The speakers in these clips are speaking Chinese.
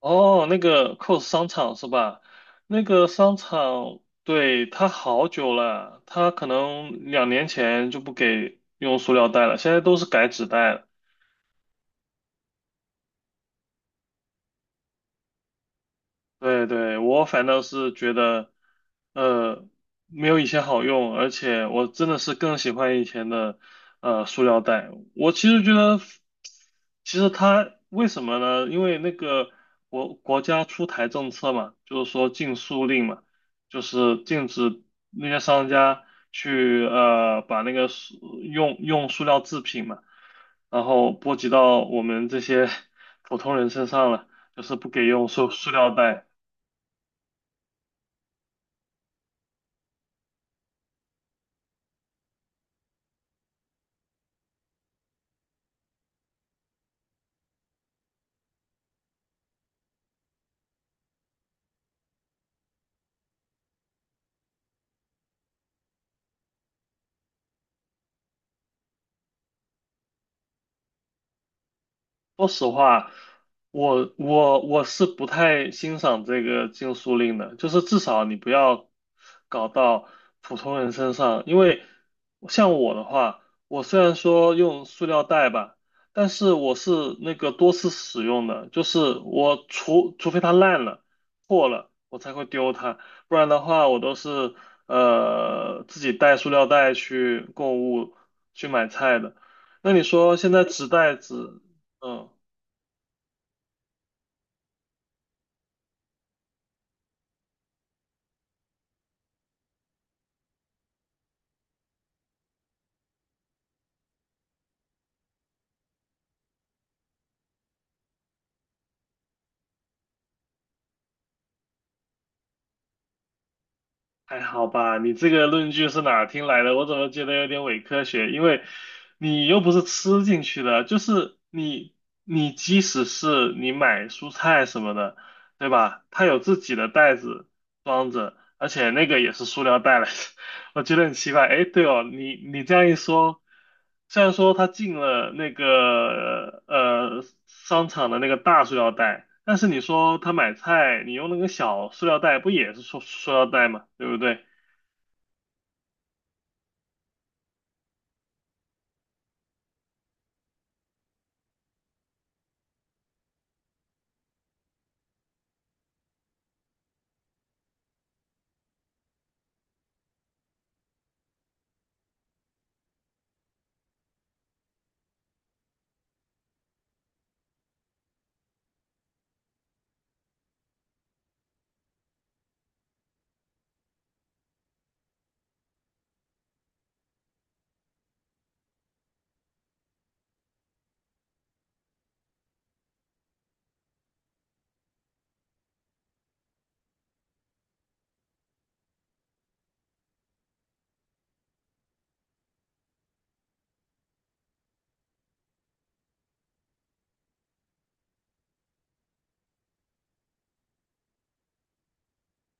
哦，那个 COS 商场是吧？那个商场，对，它好久了，它可能两年前就不给用塑料袋了，现在都是改纸袋了。对对，我反倒是觉得，呃，没有以前好用，而且我真的是更喜欢以前的，塑料袋。我其实觉得，其实它为什么呢？因为那个国家出台政策嘛，就是说禁塑令嘛，就是禁止那些商家去呃把那个塑用塑料制品嘛，然后波及到我们这些 普通人身上了，就是不给用塑料袋。说实话，我是不太欣赏这个禁塑令的，就是至少你不要搞到普通人身上，因为像我的话，我虽然说用塑料袋吧，但是我是那个多次使用的，就是我除非它烂了、破了，我才会丢它，不然的话我都是自己带塑料袋去购物、去买菜的。那你说现在纸袋子，嗯。还好吧，你这个论据是哪儿听来的？我怎么觉得有点伪科学？因为你又不是吃进去的，就是你，你即使是你买蔬菜什么的，对吧？它有自己的袋子装着，而且那个也是塑料袋来着。我觉得很奇怪。哎，对哦，你这样一说，虽然说他进了那个商场的那个大塑料袋，但是你说他买菜，你用那个小塑料袋，不也是塑料袋吗？对不对？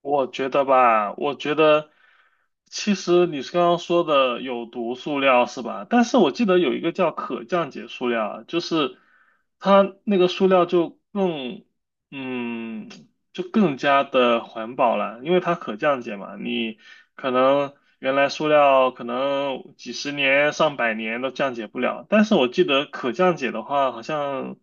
我觉得吧，我觉得其实你是刚刚说的有毒塑料是吧？但是我记得有一个叫可降解塑料啊就是它那个塑料就更，嗯，就更加的环保了，因为它可降解嘛。你可能原来塑料可能几十年、上百年都降解不了，但是我记得可降解的话，好像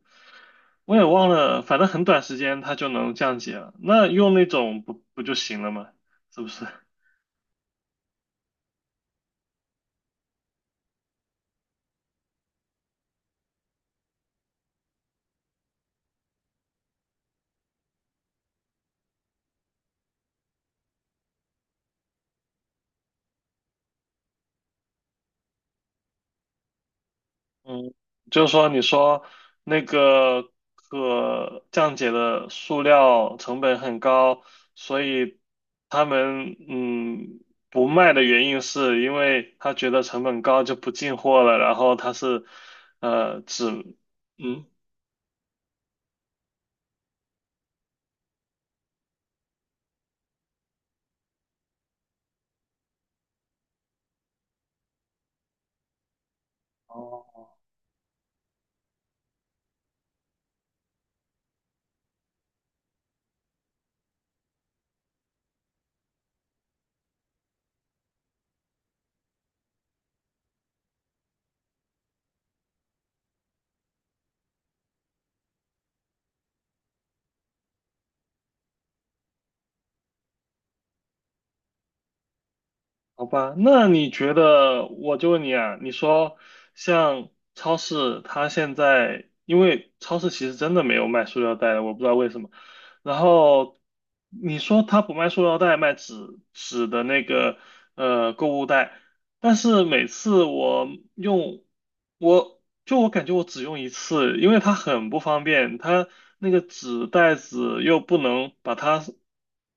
我也忘了，反正很短时间它就能降解了。那用那种不就行了吗？是不是？嗯，就是说，你说那个可降解的塑料成本很高，所以他们不卖的原因是因为他觉得成本高就不进货了，然后他是呃只嗯。哦。好吧，那你觉得，我就问你啊，你说像超市，它现在因为超市其实真的没有卖塑料袋的，我不知道为什么。然后你说它不卖塑料袋，卖纸的那个购物袋，但是每次我用，我就我感觉我只用一次，因为它很不方便，它那个纸袋子又不能把它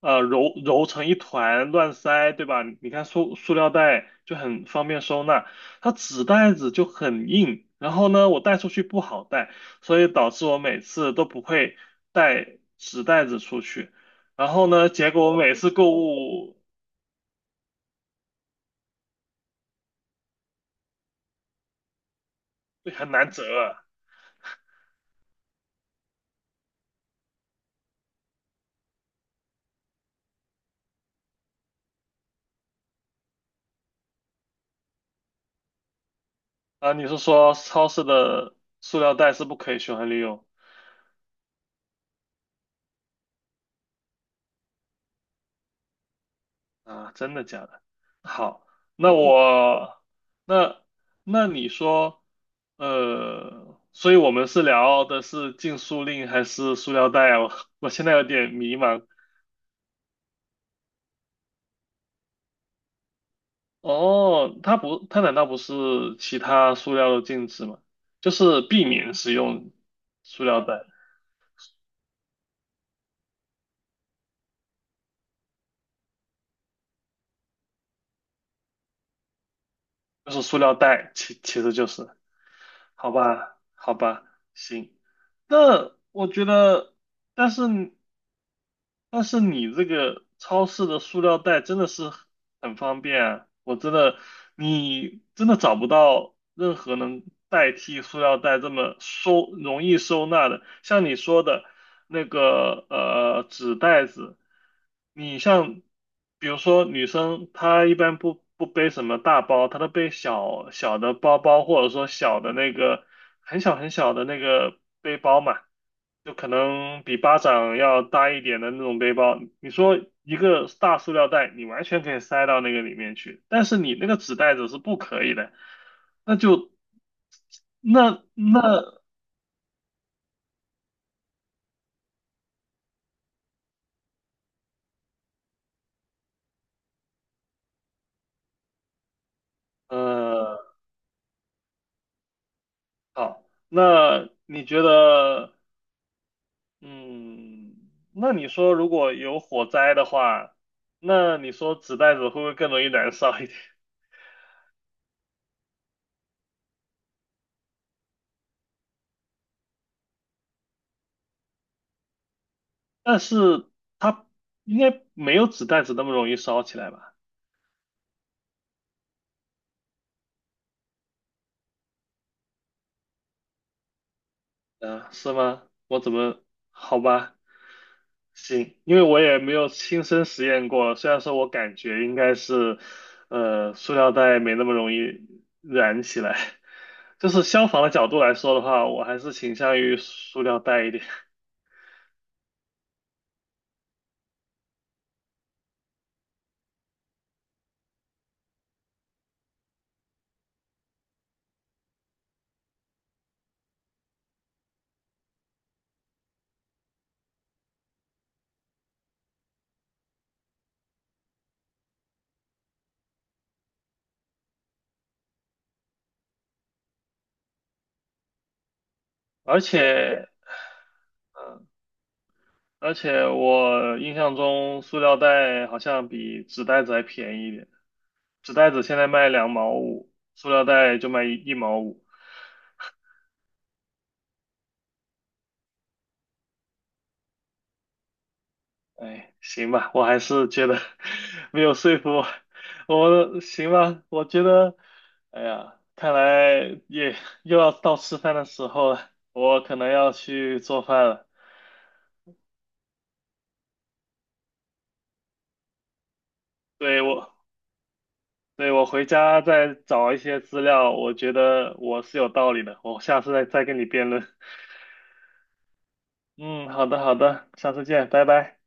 揉成一团乱塞，对吧？你看塑料袋就很方便收纳，它纸袋子就很硬，然后呢，我带出去不好带，所以导致我每次都不会带纸袋子出去，然后呢，结果我每次购物很难折。啊，你是说超市的塑料袋是不可以循环利用啊？真的假的？好，那嗯我那那你说，呃，所以我们是聊的是禁塑令还是塑料袋啊？我现在有点迷茫。哦，它不，它难道不是其他塑料的禁止吗？就是避免使用塑料袋，就是塑料袋，其实就是。好吧，好吧，行。那我觉得，但是但是你这个超市的塑料袋真的是很方便啊，我真的，你真的找不到任何能代替塑料袋这么收，容易收纳的。像你说的，那个纸袋子。你像，比如说女生，她一般不背什么大包，她都背小小的包包，或者说小的那个很小很小的那个背包嘛，就可能比巴掌要大一点的那种背包。你说一个大塑料袋，你完全可以塞到那个里面去，但是你那个纸袋子是不可以的，那就那那呃。好，那你觉得，嗯，那你说如果有火灾的话，那你说纸袋子会不会更容易燃烧一点？但是它应该没有纸袋子那么容易烧起来吧？啊，是吗？我怎么，好吧，行，因为我也没有亲身实验过，虽然说我感觉应该是，塑料袋没那么容易燃起来。就是消防的角度来说的话，我还是倾向于塑料袋一点，而且而且我印象中塑料袋好像比纸袋子还便宜一点，纸袋子现在卖两毛五，塑料袋就卖一毛五。哎，行吧，我还是觉得 没有说服我，我行吧，我觉得，哎呀，看来也又要到吃饭的时候了，我可能要去做饭了。对，我，对，我回家再找一些资料，我觉得我是有道理的，我下次再跟你辩论。嗯，好的好的，下次见，拜拜。